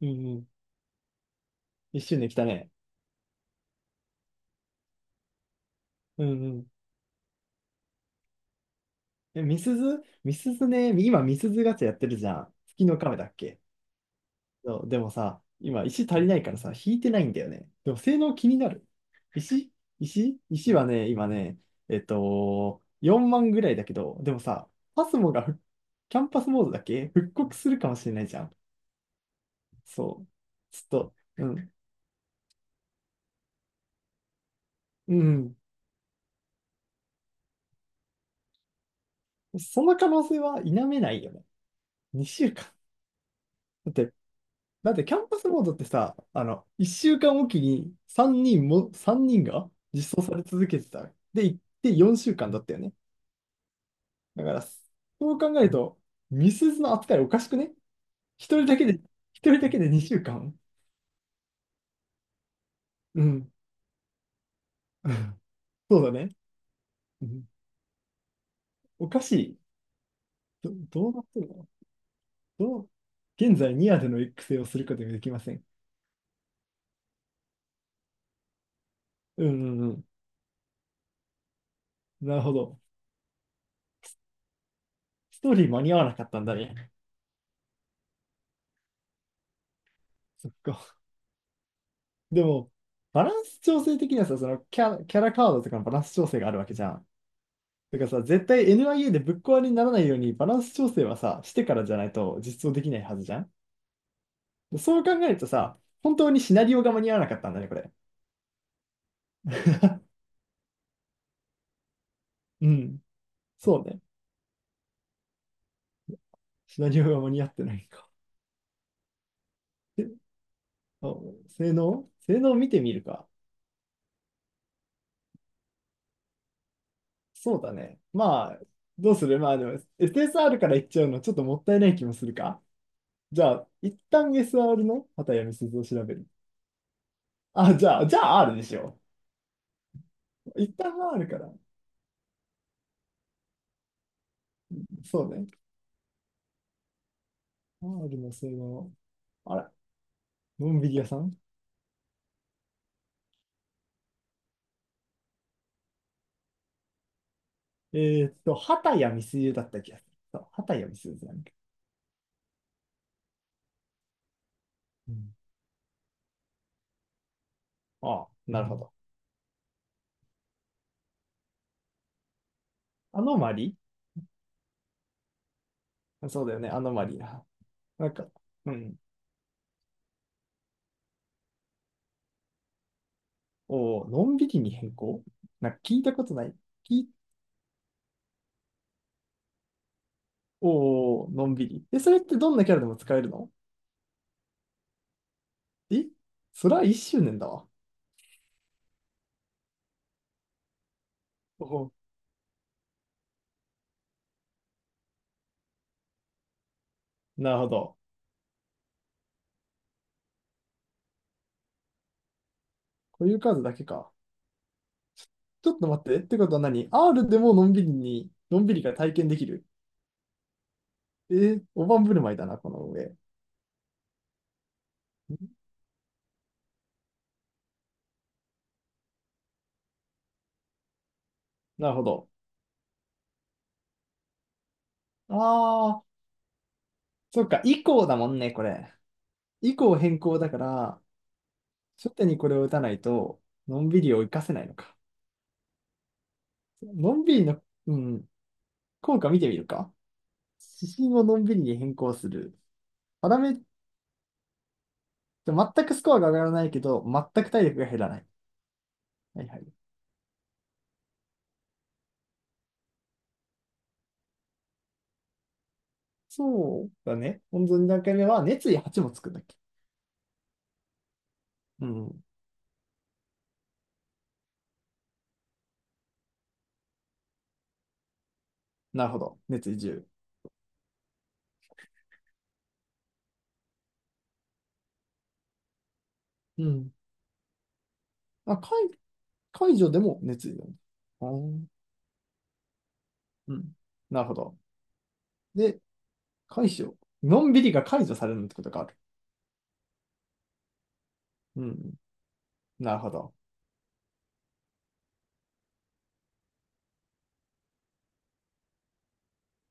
うんうん。一周年来たね。うんうん。え、みすずね、今みすずガチャやってるじゃん。月の亀だっけ？そう、でもさ、今石足りないからさ、引いてないんだよね。でも性能気になる。石石はね、今ね、4万ぐらいだけど、でもさ、パスモがふキャンパスモードだっけ、復刻するかもしれないじゃん。そう。ちょっと、うん。うん。その可能性は否めないよね。2週間。だってだってキャンパスボードってさ、1週間おきに3人も、3人が実装され続けてた。で、行って4週間だったよね。だから、そう考えると、ミスズの扱いおかしくね？一人だけで、一人だけで2週間、うかん。うん。 そうだね。うん、おかしい。どうなってるの？どう、現在ニアでの育成をすることができません。うんうんうん。なるほど。ストーリー間に合わなかったんだね。そっか。でも、バランス調整的にはさ、キャラカードとかのバランス調整があるわけじゃん。だからさ、絶対 NIA でぶっ壊れにならないようにバランス調整はさ、してからじゃないと実装できないはずじゃん。そう考えるとさ、本当にシナリオが間に合わなかったんだね、これ。うん。そうね。シナリオが間に合ってないか。えあ性能見てみるか。そうだね。まあ、どうする？まあでも、SSR からいっちゃうのちょっともったいない気もするか。じゃあ、一旦 SR の畑山鈴を調べる。あ、じゃあ R でしょう。一旦 R から。そうね。R の性能。あら、のんびり屋さん？え畑谷美鈴だった気がする。そう、畑谷美鈴なんだ。うん。ああ、なるほど。アノマリ、そうだよね、アノマリな。なんか、うん。おお、のんびりに変更？なんか聞いたことない。き、おお、のんびり。え、それってどんなキャラでも使えるの？えそれは一周年だわ。おお、なるほど。固有数だけか。ちょっと待って。ってことは何？ R でものんびりに、のんびりが体験できる？えー、大盤振る舞いだな、この上。なるほど。ああ、そっか。以降だもんね、これ。以降変更だから、初手にこれを打たないと、のんびりを活かせないのか。のんびりの、うん、効果見てみるか。指針をのんびりに変更する。パラメット、全くスコアが上がらないけど、全く体力が減らない。はいはい。そうだね。本当に2段階目は熱意8もつくんだっけ。うん。なるほど。熱意自由。うん。あ、解除でも熱意だね。あー、うん。なるほど。で、解除。のんびりが解除されるってことがある。うん。なるほど。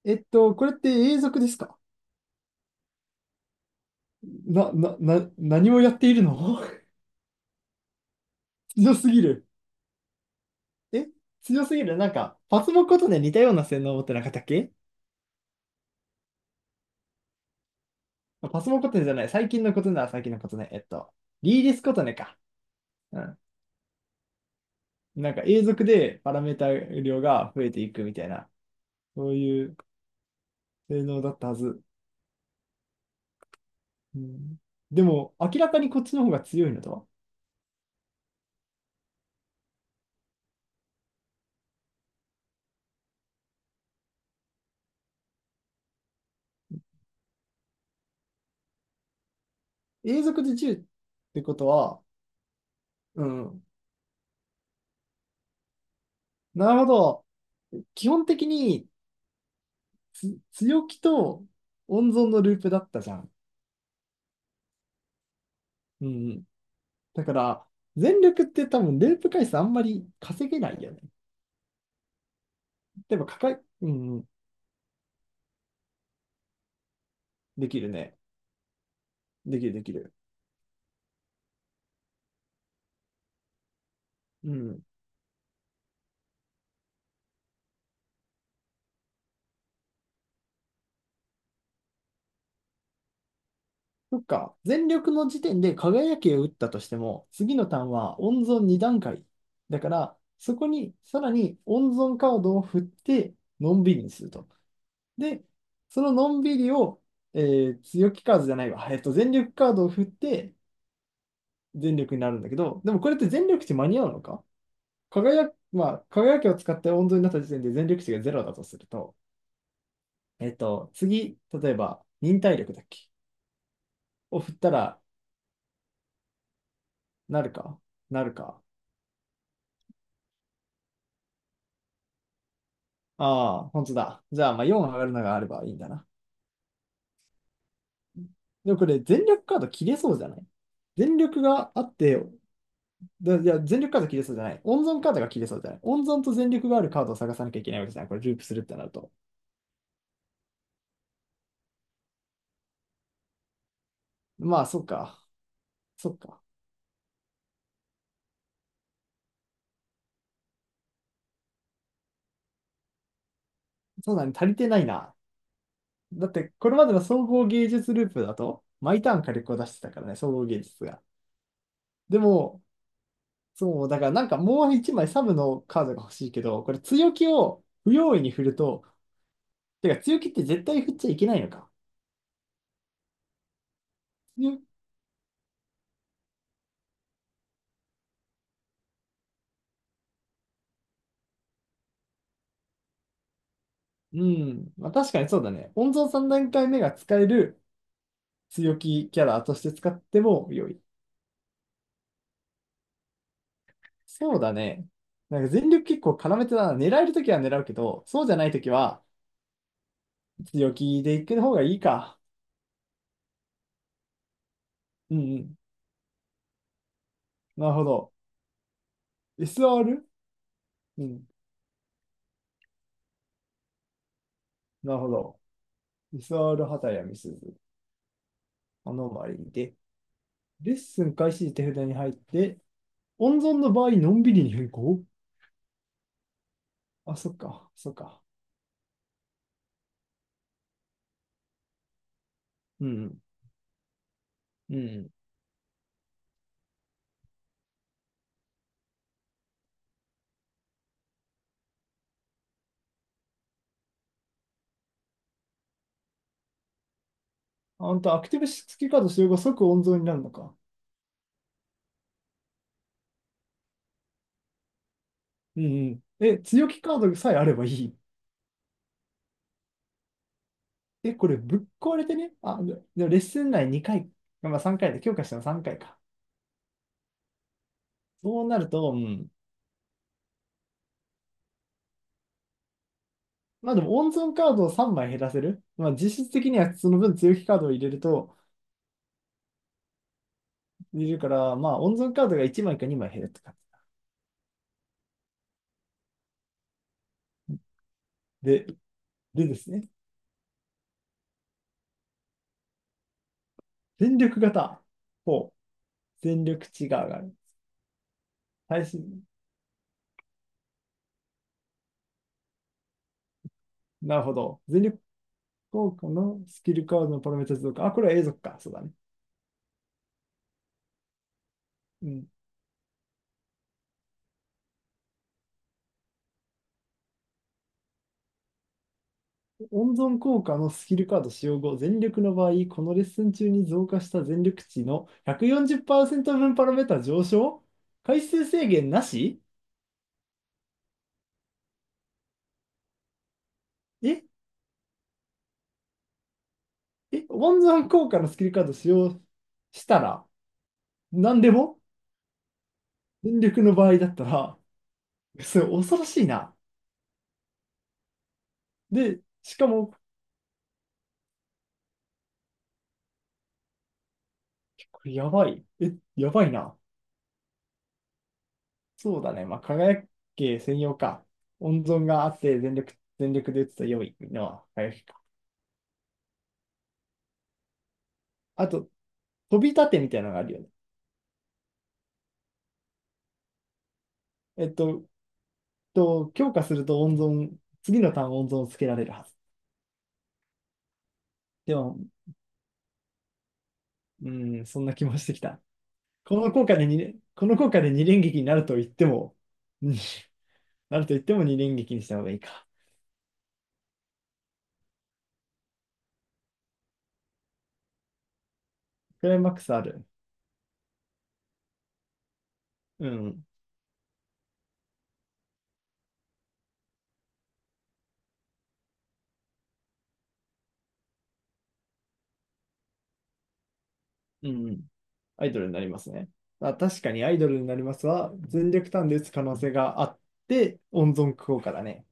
これって永続ですか？な、な、な、何をやっているの？ 強すぎる。え強すぎる。なんか、パスモコトネ似たような性能を持ってなかったっけ？パスモコトネじゃない。最近のことね。リーディスコトネか。うん。なんか永続でパラメータ量が増えていくみたいな、そういう性能だったはず。うん、でも、明らかにこっちの方が強いのとは。永続で10ってことは、うん。なるほど。基本的に強気と温存のループだったじゃん。うんうん。だから、全力って多分ループ回数あんまり稼げないよね。でも、かかい、うんうん。できるね。できるできる。うん。そっか、全力の時点で輝きを打ったとしても、次のターンは温存2段階。だから、そこにさらに温存カードを振って、のんびりにすると。で、そののんびりを、え強気カードじゃないわ。全力カードを振って、全力になるんだけど、でもこれって全力値間に合うのか？輝き、まあ、輝きを使って温存になった時点で全力値がゼロだとすると、次、例えば、忍耐力だっけ？を振ったら、なるか？なるか？ああ、本当だ。じゃあ、まあ4上がるのがあればいいんだな。でもこれ、全力カード切れそうじゃない？全力があって、いや、全力カード切れそうじゃない。温存カードが切れそうじゃない。温存と全力があるカードを探さなきゃいけないわけじゃない。これ、ループするってなると。まあ、そっか。そっか。そうだね。足りてないな。だって、これまでの総合芸術ループだと、毎ターン火力を出してたからね、総合芸術が。でも、そう、だからなんかもう一枚サブのカードが欲しいけど、これ強気を不用意に振ると、てか強気って絶対振っちゃいけないのか？ね。うん。まあ確かにそうだね。温存3段階目が使える強気キャラとして使っても良い。そうだね。なんか全力結構絡めてたな。狙えるときは狙うけど、そうじゃないときは強気で行く方がいいか？うんうん。なるほど。SR？ うん。なるほど。SR 畑やみすず。アノマリーで。レッスン開始時手札に入って、温存の場合、のんびりに変更。あ、そっか。そっか。うんうん。うん、あんた、アクティブ付きカード使用後即温存になるのか？うんうん。え、強気カードさえあればいい。え、これぶっ壊れてね？あ、でもレッスン内2回、まあ3回で、強化したの3回かいか？そうなると、うん。まあでも温存カードを3枚減らせる。まあ実質的にはその分強気カードを入れるから、まあ温存カードが1枚か2枚減るって感じ。ですね。全力型。ほう。全力値が上がる。最新。なるほど。全力効果のスキルカードのパラメータ増加。あ、これは永続か。そうだね。うん、温存効果のスキルカード使用後、全力の場合、このレッスン中に増加した全力値の140%分パラメータ上昇。回数制限なし？ええ、温存効果のスキルカード使用したら、何でも全力の場合だったら、それ恐ろしいな。で、しかも、これやばい。え、やばいな。そうだね。まあ、輝け専用か。温存があって、全力で打つと良いのは輝きか。あと、飛び立てみたいなのがあるよね？えっと、強化すると温存、次のターン温存をつけられるはず。でも、うん、そんな気もしてきた。この効果で2、この効果で二連撃になると言っても、うん、なると言っても2連撃にした方がいいか？クライマックスある。うん、うん、アイドルになりますね。あ、確かにアイドルになりますは、全力ターンで打つ可能性があって、温存効果だね。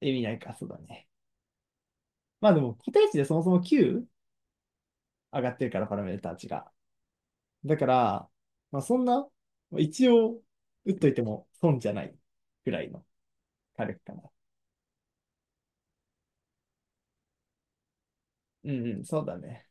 意味ないか、そうだね。まあでも、個体値でそもそも9上がってるから、パラメーター値が。だから、まあそんな、まあ一応、打っといても損じゃないぐらいの火力かな。うんうん、そうだね。